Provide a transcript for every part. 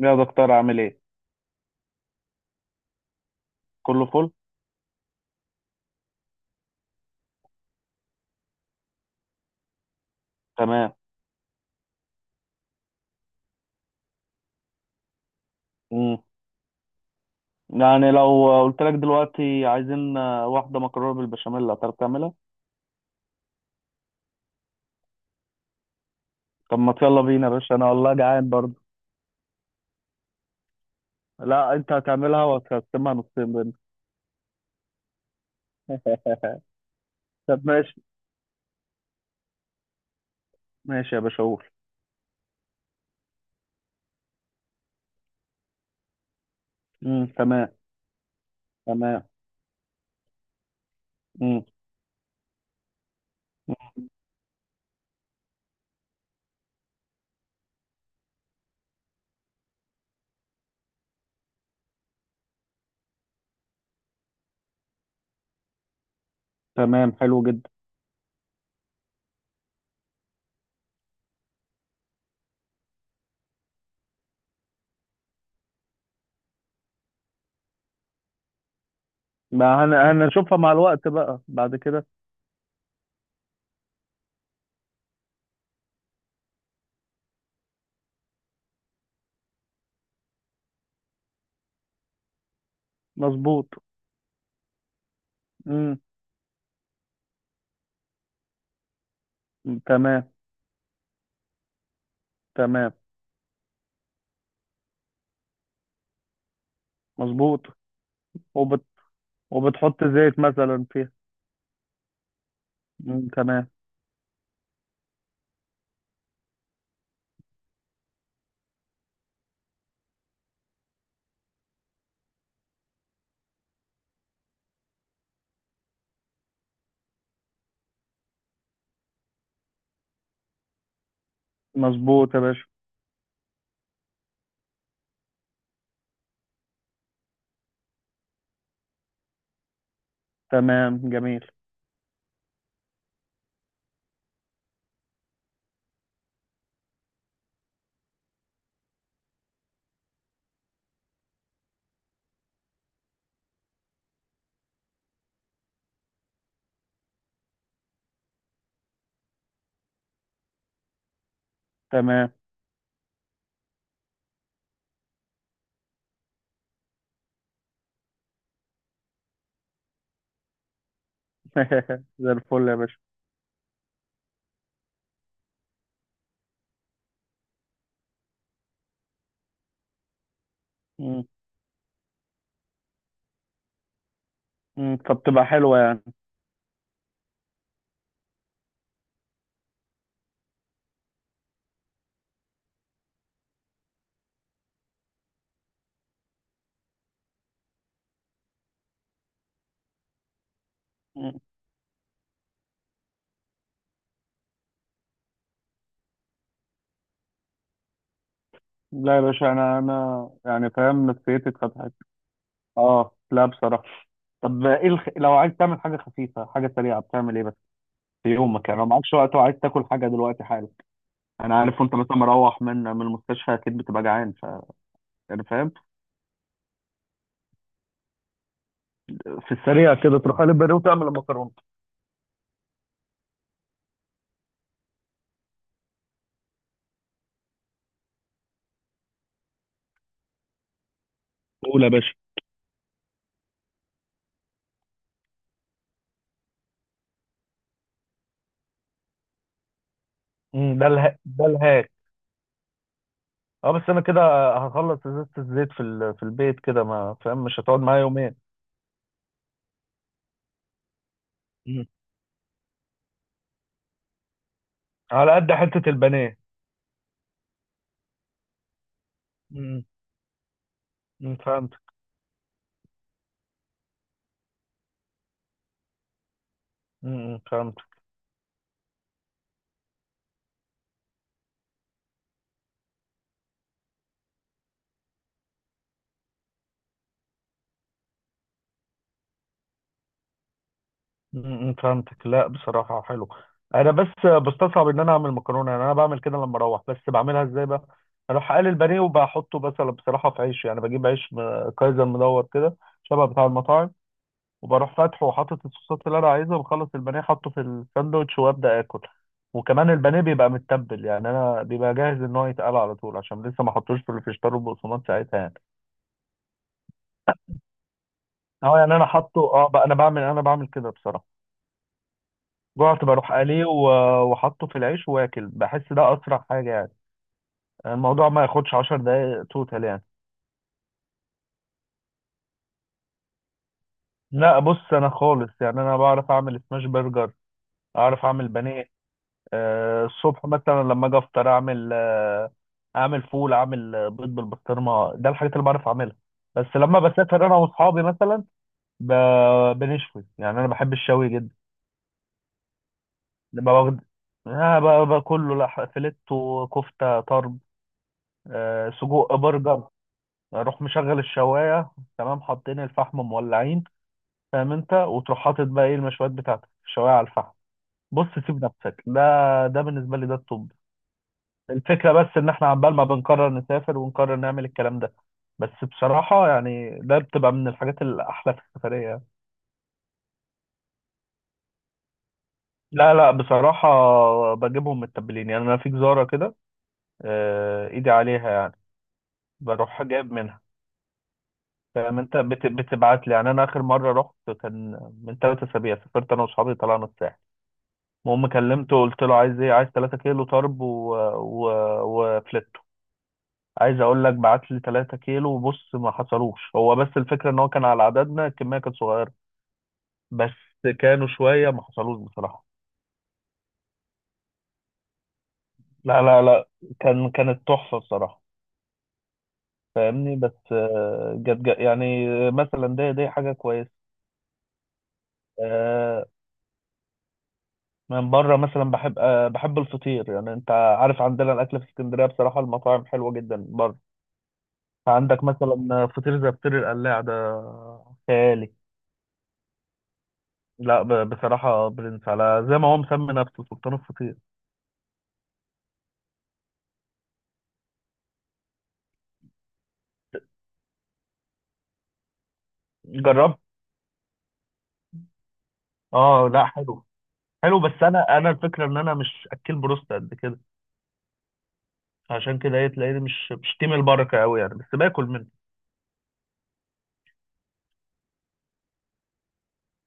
يا دكتور، عامل ايه؟ كله فل. تمام. مم. يعني لو قلت لك دلوقتي عايزين، واحده مكرونه بالبشاميل، هتعرف تعملها؟ طب ما يلا بينا يا باشا، انا والله جعان برضه. لا، انت هتعملها وهتقسمها نصين بينا. طب ماشي. ماشي يا باشا، قول. مم. تمام. تمام. مم. تمام، حلو جدا. ما هن... هنشوفها مع الوقت بقى بعد كده. مظبوط. مم. تمام. تمام. مظبوط. وبت... وبتحط زيت مثلا فيها. مم. تمام. مظبوط يا باشا. تمام، جميل. تمام. زي الفل يا باشا. مم. فبتبقى حلوة يعني. مم. لا يا باشا، أنا يعني فاهم، نفسيتي اتفتحت. أه، لا بصراحة. طب إيه لو عايز تعمل حاجة خفيفة، حاجة سريعة، بتعمل إيه بس في يومك؟ يعني لو معكش وقت وعايز تاكل حاجة دلوقتي حالا. أنا عارف. وأنت مثلا مروح من المستشفى، أكيد بتبقى جعان يعني فاهم. في السريع كده، تروح قلب بانيه وتعمل المكرونة. قول يا باشا. مم. ده الهاي. اه، بس انا كده هخلص ازازه الزيت في البيت، كده ما فاهم، مش هتقعد معايا يومين. مم. على قد حته البانيه. مم. فهمت. فهمت. فهمتك. لا بصراحه حلو. انا بس بستصعب ان انا اعمل مكرونه، يعني انا بعمل كده لما اروح، بس بعملها ازاي بقى؟ اروح اقلي البانيه وبحطه مثلا بصراحه في عيش، يعني بجيب عيش كايزر مدور كده، شبه بتاع المطاعم، وبروح فاتحه وحاطط الصوصات اللي انا عايزها، وبخلص البانيه، حاطه في الساندوتش وابدا اكل. وكمان البانيه بيبقى متبل، يعني انا بيبقى جاهز ان هو يتقال على طول، عشان لسه ما حطوش في الفيجيتار والبقسماط ساعتها يعني. اه، يعني انا حاطه، اه بقى، انا بعمل كده بصراحه. جوعت، بروح قليه وحاطه في العيش واكل. بحس ده اسرع حاجه يعني. الموضوع ما ياخدش 10 دقايق توتال يعني. لا بص، انا خالص يعني انا بعرف اعمل سماش برجر. اعرف اعمل بانيه. الصبح مثلا لما اجي افطر، اعمل اعمل فول، اعمل بيض بالبسطرمه. ده الحاجات اللي بعرف اعملها. بس لما بسافر انا واصحابي مثلا، بنشوي. يعني انا بحب الشوي جدا. ببقى واخد كله فيليتو، كفته، طرب، سجق، برجر. اروح مشغل الشوايه، تمام، حاطين الفحم مولعين، فاهم انت، وتروح حاطط بقى ايه المشويات بتاعتك، الشوايه على الفحم. بص سيب نفسك. ده ده بالنسبه لي ده الطب. الفكرة بس إن إحنا عمال ما بنقرر نسافر ونقرر نعمل الكلام ده. بس بصراحة يعني، ده بتبقى من الحاجات الأحلى في السفرية يعني. لا لا بصراحة، بجيبهم متبلين، يعني أنا في جزارة كده، إيدي عليها يعني، بروح جايب منها. فاهم أنت، بتبعت لي يعني. أنا آخر مرة رحت كان من ثلاث أسابيع، سافرت أنا وأصحابي، طلعنا الساحل. المهم كلمته، قلت له عايز إيه؟ عايز 3 كيلو طرب و... و... وفلت. عايز اقول لك، بعت لي 3 كيلو وبص، ما حصلوش، هو بس الفكره ان هو كان على عددنا، الكميه كانت صغيره بس، كانوا شويه، ما حصلوش بصراحه. لا لا لا، كانت تحفه بصراحه، فاهمني. بس جت جت يعني مثلا، دي حاجه كويسه. آه، من بره مثلا بحب الفطير. يعني انت عارف عندنا الاكل في اسكندريه، بصراحه المطاعم حلوه جدا بره. عندك مثلا فطير زي فطير القلاع ده، خيالي. لا بصراحه برنس، على زي ما هو مسمي نفسه سلطان الفطير. جربت؟ اه، لا حلو. حلو بس انا الفكره ان انا مش اكل بروست قد كده، عشان كده ايه تلاقيني مش تيم البركه قوي يعني، بس باكل منه.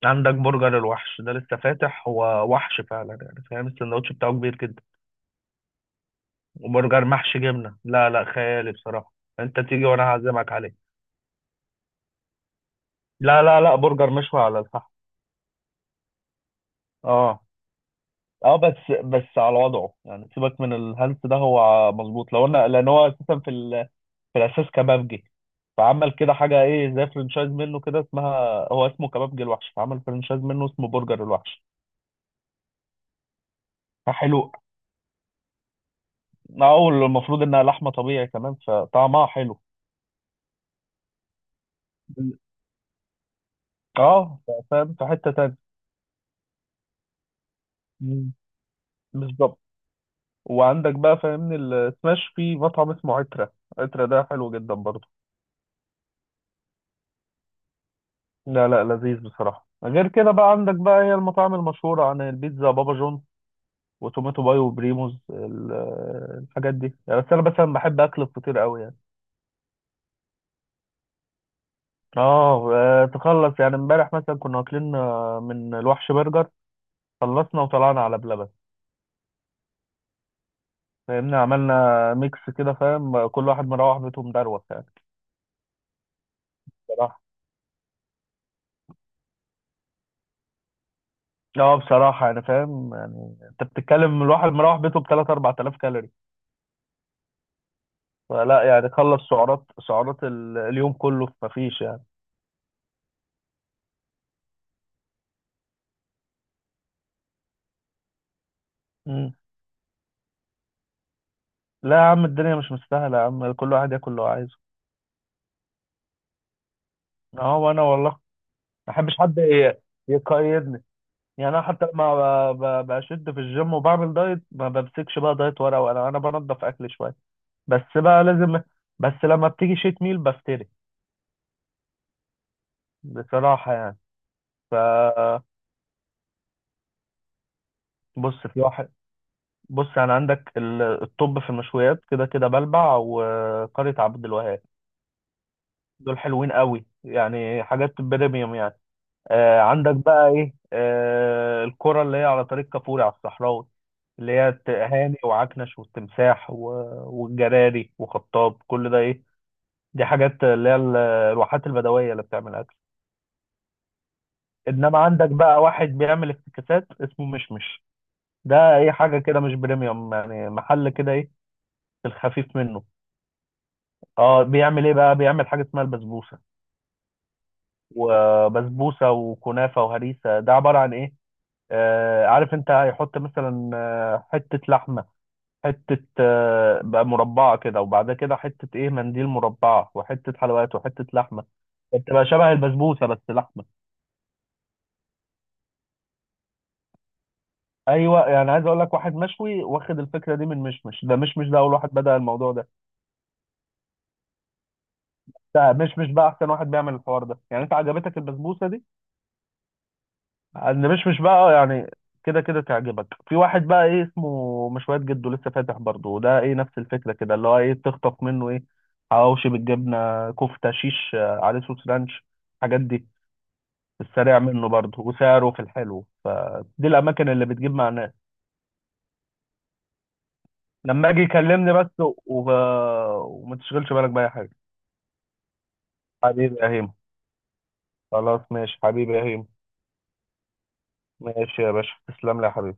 عندك برجر الوحش ده، لسه فاتح هو، وحش فعلا يعني، فاهم، السندوتش بتاعه كبير جدا. وبرجر محشي جبنه، لا لا، خيالي بصراحه. انت تيجي وانا هعزمك عليه. لا لا لا، برجر مشوي على الفحم. اه اه، بس بس على وضعه يعني، سيبك من الهلس ده. هو مظبوط، لو انا، لان هو اساسا في الاساس كبابجي، فعمل كده حاجه ايه زي فرنشايز منه كده اسمها، هو اسمه كبابجي الوحش، فعمل فرنشايز منه اسمه برجر الوحش، فحلو. اول، المفروض انها لحمه طبيعي كمان، فطعمها حلو. اه، فاهم في حته تانية. مم. بالظبط. وعندك بقى فاهمني، السماش في مطعم اسمه عترة، ده حلو جدا برضه. لا لا، لذيذ بصراحة. غير كده بقى عندك بقى هي المطاعم المشهورة عن البيتزا، بابا جونز وتوماتو باي وبريموز، الحاجات دي يعني. بس انا مثلا بحب اكل الفطير قوي يعني. اه، تخلص يعني، امبارح مثلا كنا واكلين من الوحش برجر، خلصنا وطلعنا على بلبن، فاهمني، عملنا ميكس كده، فاهم، كل واحد مروح بيته مدروخ يعني، بصراحة. اه بصراحة، يعني فاهم يعني، انت بتتكلم، الواحد مروح بيته بتلات أربع آلاف كالوري، فلا يعني، خلص سعرات، اليوم كله في مفيش يعني. مم. لا يا عم، الدنيا مش مستاهلة يا عم، كل واحد ياكل اللي هو عايزه. اه، وانا والله ما احبش حد يقيدني. يعني انا حتى لما بشد في الجيم وبعمل دايت، ما بمسكش بقى دايت ورقه وقلم، انا بنضف اكل شويه، بس بقى لازم، بس لما بتيجي شيت ميل بفتري بصراحه يعني. ف بص، في واحد، بص يعني عندك الطب في المشويات كده كده، بلبع وقرية عبد الوهاب، دول حلوين قوي يعني، حاجات بريميوم يعني. عندك بقى ايه، الكرة اللي هي على طريق كفوري على الصحراوي، اللي هي هاني وعكنش والتمساح والجراري وخطاب، كل ده ايه، دي حاجات اللي هي الواحات البدوية اللي بتعمل اكل. انما عندك بقى واحد بيعمل افتكاسات، اسمه مشمش. ده ايه، حاجة كده مش بريميوم يعني، محل كده ايه، في الخفيف منه. اه، بيعمل ايه بقى، بيعمل حاجة اسمها البسبوسة، وبسبوسة وكنافة وهريسة. ده عبارة عن ايه؟ عارف انت، هيحط مثلا حتة لحمة، حتة بقى مربعة كده، وبعدها كده حتة ايه، منديل مربعة، وحتة حلويات، وحتة لحمة، بتبقى شبه البسبوسة بس لحمة. ايوه، يعني عايز اقول لك، واحد مشوي واخد الفكرة دي من مشمش، ده مشمش ده اول واحد بدأ الموضوع ده. ده مشمش بقى احسن واحد بيعمل الحوار ده يعني. انت عجبتك البسبوسة دي، اللي مش بقى يعني. كده كده تعجبك في واحد بقى ايه، اسمه مشويات جدو، لسه فاتح برضه. وده ايه نفس الفكره كده، اللي هو ايه تخطف منه ايه، حواوشي بالجبنه، كفته شيش عليه صوص رانش، الحاجات دي، السريع منه برضه وسعره في الحلو، فدي الاماكن اللي بتجيب مع الناس. لما اجي كلمني بس، وما تشغلش بالك باي حاجه. حبيبي يا هيم. خلاص ماشي حبيبي يا هيم. ماشي يا باشا، تسلم لي يا حبيبي.